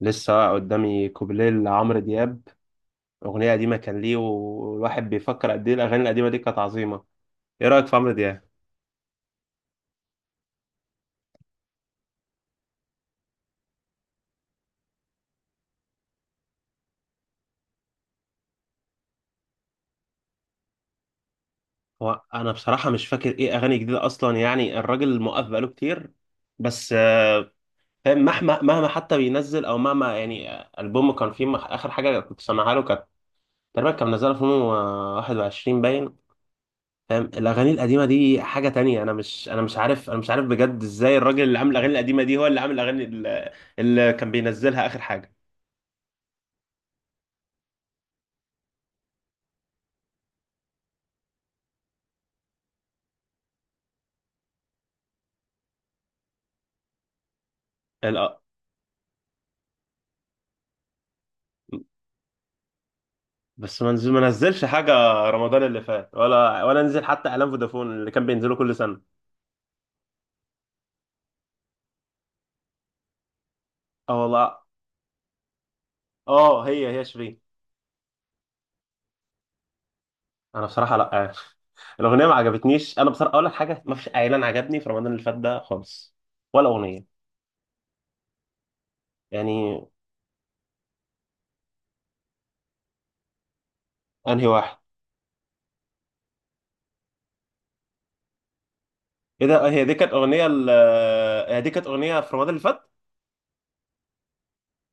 لسه قدامي كوبليه لعمرو دياب، أغنية قديمة كان ليه والواحد بيفكر قد إيه الأغاني القديمة دي كانت عظيمة. إيه رأيك في عمرو دياب؟ هو أنا بصراحة مش فاكر إيه أغاني جديدة أصلا، يعني الراجل موقف بقاله كتير، بس فاهم، مهما حتى بينزل أو مهما، يعني ألبومه كان فيه آخر حاجة كنت سامعها له كانت تقريبا كان منزلها في 2021 باين. فاهم الأغاني القديمة دي حاجة تانية. أنا مش عارف بجد إزاي الراجل اللي عامل الأغاني القديمة دي هو اللي عامل الأغاني اللي كان بينزلها آخر حاجة. الأ- بس ما نزلش حاجه رمضان اللي فات، ولا نزل حتى اعلان فودافون اللي كان بينزله كل سنه. اه والله. اه هي شيرين. انا بصراحه لا عارف. الاغنيه ما عجبتنيش. انا بصراحه اقول لك حاجه، ما فيش اعلان عجبني في رمضان اللي فات ده خالص، ولا اغنيه. يعني انهي واحد؟ ايه ده، هي دي كانت هي دي كانت اغنيه في رمضان اللي فات؟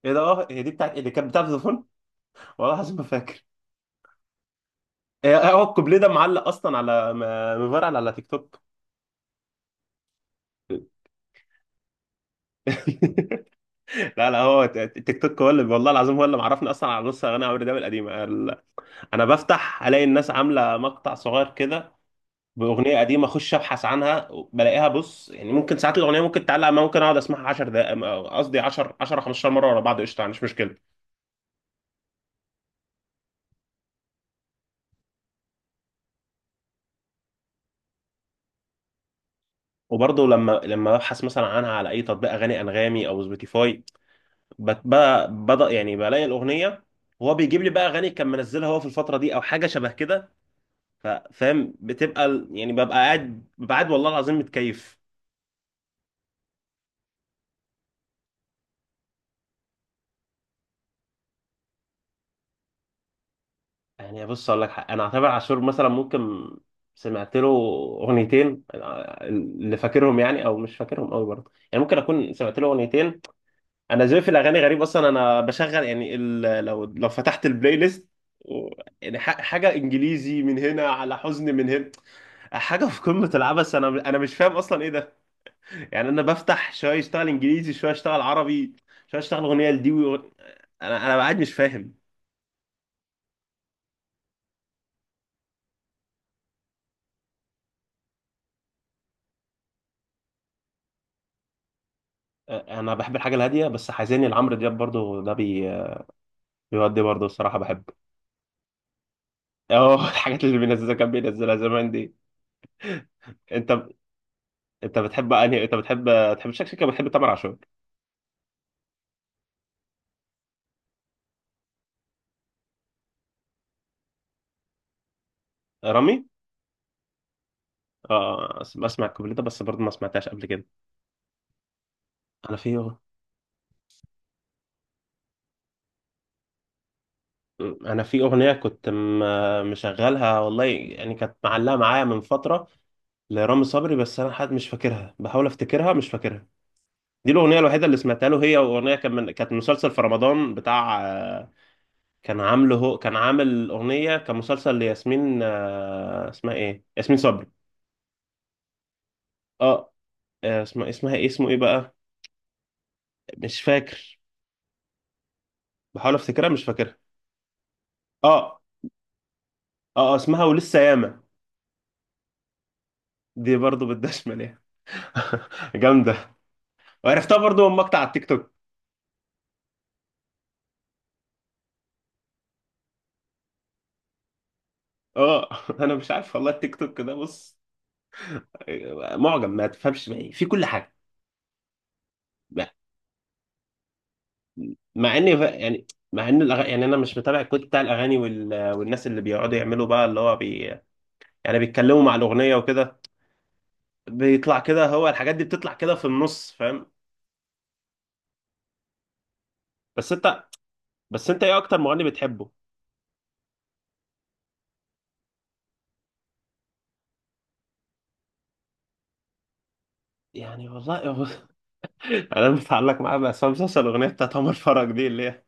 ايه ده، اه هي دي بتاعت اللي كانت بتاعت فودافون. والله العظيم ما فاكر. هو الكوبليه ده معلق اصلا على مفرقع على تيك توك. لا، هو تيك توك هو اللي، والله العظيم، هو اللي معرفني اصلا على نص اغاني عمرو دياب القديمه. انا بفتح الاقي الناس عامله مقطع صغير كده باغنيه قديمه، اخش ابحث عنها بلاقيها. بص يعني، ممكن ساعات الاغنيه ممكن تعلق معايا، ممكن اقعد اسمعها 10 دقائق، قصدي 10 10 15 مره ورا بعض، قشطه مش مشكله. وبرضه لما ببحث مثلا عنها على اي تطبيق اغاني، انغامي او سبوتيفاي، بدا، يعني بلاقي الاغنيه، وهو بيجيب لي بقى اغاني كان منزلها هو في الفتره دي او حاجه شبه كده. فاهم، يعني ببقى قاعد والله العظيم متكيف. يعني بص اقول لك حق، انا اعتبر عاشور مثلا، ممكن سمعت له اغنيتين اللي فاكرهم يعني، او مش فاكرهم قوي برضه، يعني ممكن اكون سمعت له اغنيتين. انا ذوقي في الاغاني غريب اصلا، انا بشغل يعني ال... لو فتحت البلاي ليست و- يعني حاجه انجليزي من هنا، على حزن من هنا، حاجه في قمه العبث. انا مش فاهم اصلا ايه. يعني انا بفتح شويه اشتغل انجليزي، شويه اشتغل عربي، شويه اشتغل اغنيه لدي انا قاعد مش فاهم. انا بحب الحاجه الهاديه، بس حزيني لعمرو دياب برضو ده بيودي برضو الصراحه بحب. اه الحاجات اللي بينزلها، كان بينزلها زمان دي. انت انت بتحب، تحب شكلك كده بتحب تامر عاشور؟ رامي؟ اه بسمع الكوبليه ده بس، برضو ما سمعتهاش قبل كده. انا في أغ- انا في اغنيه كنت مشغلها والله، يعني كانت معلقه معايا من فتره لرامي صبري، بس انا حد مش فاكرها، بحاول افتكرها مش فاكرها. دي الاغنيه الوحيده اللي سمعتها له، هي اغنيه كان كانت مسلسل في رمضان بتاع كان عامل اغنيه، كان مسلسل لياسمين اسمها ايه، ياسمين صبري. اه اسمها ايه، اسمه ايه بقى، مش فاكر، بحاول افتكرها مش فاكرها. اه اه اسمها ولسه ياما. دي برضو بالدشمل يعني. جامده. وعرفتها برضو من مقطع على التيك توك. اه انا مش عارف والله، التيك توك ده بص، معجم ما تفهمش بقى إيه. في كل حاجه. مع اني يعني، مع ان الأغ... يعني انا مش متابع الكود بتاع الاغاني وال... والناس اللي بيقعدوا يعملوا بقى اللي هو يعني بيتكلموا مع الاغنيه وكده، بيطلع كده، هو الحاجات دي بتطلع كده في النص، فاهم؟ بس انت بس انت ايه اكتر مغني بتحبه؟ يعني والله انا متعلق معاه بعصام صاصا الاغنيه بتاعت عمر فرج دي اللي هي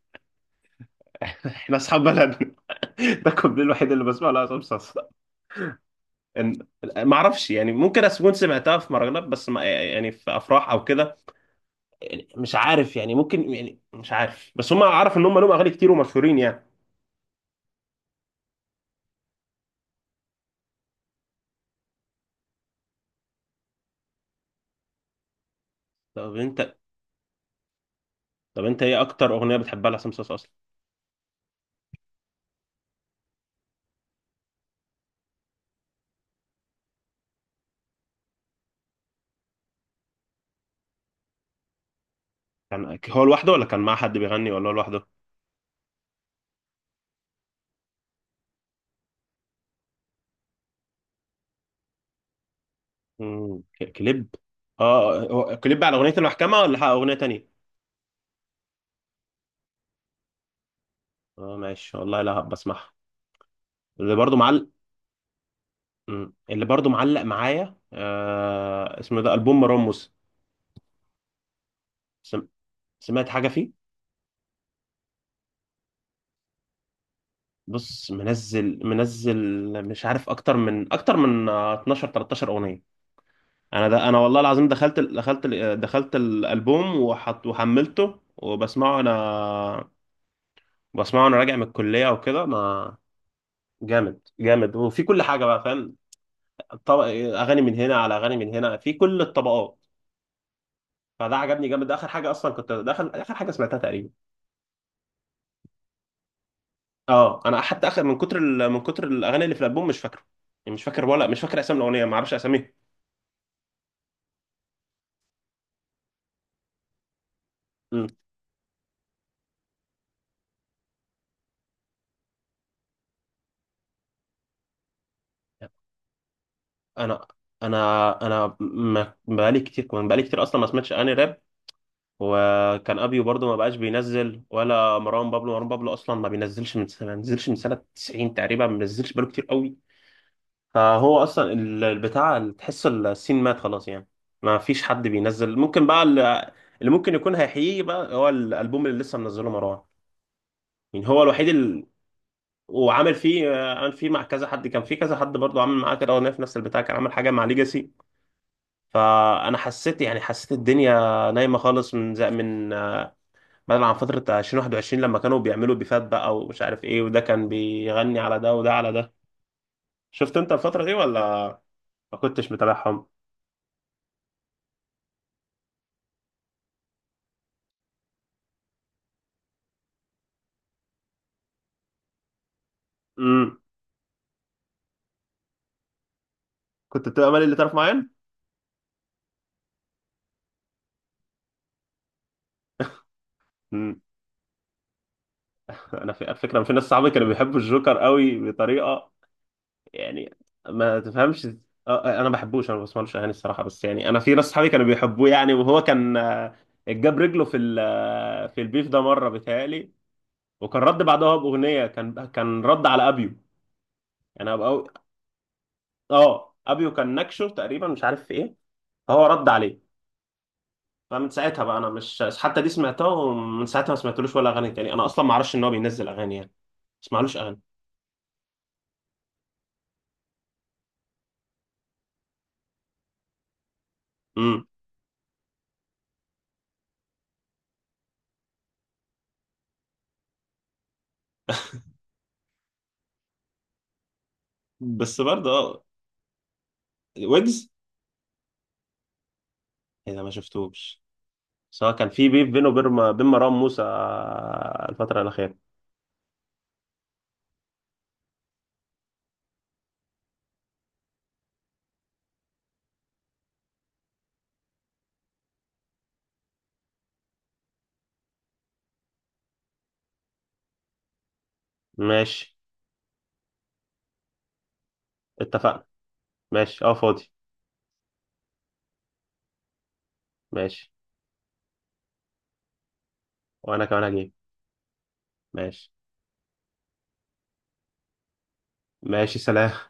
احنا اصحاب بلدنا. ده الكوبليه الوحيد اللي بسمعه لعصام صاصا. ما اعرفش يعني، ممكن اكون سمعتها في مهرجانات بس ما... يعني في افراح او كده. يعني مش عارف، يعني ممكن، يعني مش عارف، بس هم عارف ان هم لهم اغاني كتير ومشهورين يعني. طب انت طب انت ايه اكتر اغنيه بتحبها لحسام صاصا اصلا؟ كان هو لوحده ولا كان مع حد بيغني ولا هو لوحده؟ مم. كليب؟ اه هو كليب على اغنيه المحكمه ولا اغنيه تانية؟ اه ماشي والله، لا بسمعها. اللي برضو معلق، مم، اللي برضو معلق معايا آه، اسمه ده البوم مروان موسى. سم... سمعت حاجه فيه. بص منزل منزل، مش عارف اكتر من آه، 12 13 اغنيه. انا ده انا والله العظيم دخلت دخلت الالبوم وحط وحملته وبسمعه، انا بسمعه وانا راجع من الكليه وكده. ما، جامد جامد، وفي كل حاجه بقى فاهم. طب... اغاني من هنا، على اغاني من هنا، في كل الطبقات. فده عجبني جامد، ده اخر حاجه اصلا كنت، ده اخر حاجه سمعتها تقريبا. اه انا حتى اخر، من كتر ال... من كتر الاغاني اللي في الالبوم مش فاكره، يعني مش فاكر، ولا مش فاكر اسامي الاغنيه، ما اعرفش اساميها. أمم. انا انا انا ما بقالي كتير، كمان بقالي كتير اصلا ما سمعتش اغاني راب، وكان ابيو برضو ما بقاش بينزل، ولا مروان بابلو، مروان بابلو اصلا ما بينزلش من، ما بينزلش من سنه 90 تقريبا، ما بينزلش بقاله كتير قوي. فهو اصلا البتاع تحس السين مات خلاص، يعني ما فيش حد بينزل. ممكن بقى اللي، اللي ممكن يكون هيحييه بقى هو الالبوم اللي لسه منزله مروان. يعني هو الوحيد اللي، وعامل فيه، عامل فيه مع كذا حد، كان في كذا حد برضو عامل معاه كده، هو في نفس البتاع كان عامل حاجه مع ليجاسي. فانا حسيت، يعني حسيت الدنيا نايمه خالص من زي من بدل عن فترة 2021 لما كانوا بيعملوا بيفات بقى، ومش عارف ايه، وده كان بيغني على ده وده على ده. شفت انت الفترة دي ولا ما كنتش متابعهم؟ امم. كنت بتبقى مالي اللي طرف معين؟ امم. انا في، على فكرة، أنا في ناس صحابي كانوا بيحبوا الجوكر قوي بطريقة يعني ما تفهمش. انا ما بحبوش، انا ما بسمعلوش اغاني الصراحة، بس يعني انا في ناس صحابي كانوا بيحبوه يعني، وهو كان جاب رجله في آه، في البيف ده مرة بيتهيألي، وكان رد بعدها بأغنية، كان رد على ابيو يعني. اه ابيو كان نكشه تقريبا مش عارف في ايه، فهو رد عليه. فمن ساعتها بقى انا مش حتى دي سمعتها، ومن ساعتها ما سمعتلوش ولا اغاني تاني، انا اصلا ما اعرفش ان هو بينزل اغاني، يعني ما اسمعلوش اغاني. امم. بس برضه اه، ويجز، اذا ما شفتوش، سواء كان في بيف بينه وبين مروان موسى الفترة الأخيرة؟ ماشي. اتفقنا. ماشي اه فاضي. ماشي. وانا كمان هجيب. ماشي. ماشي سلام.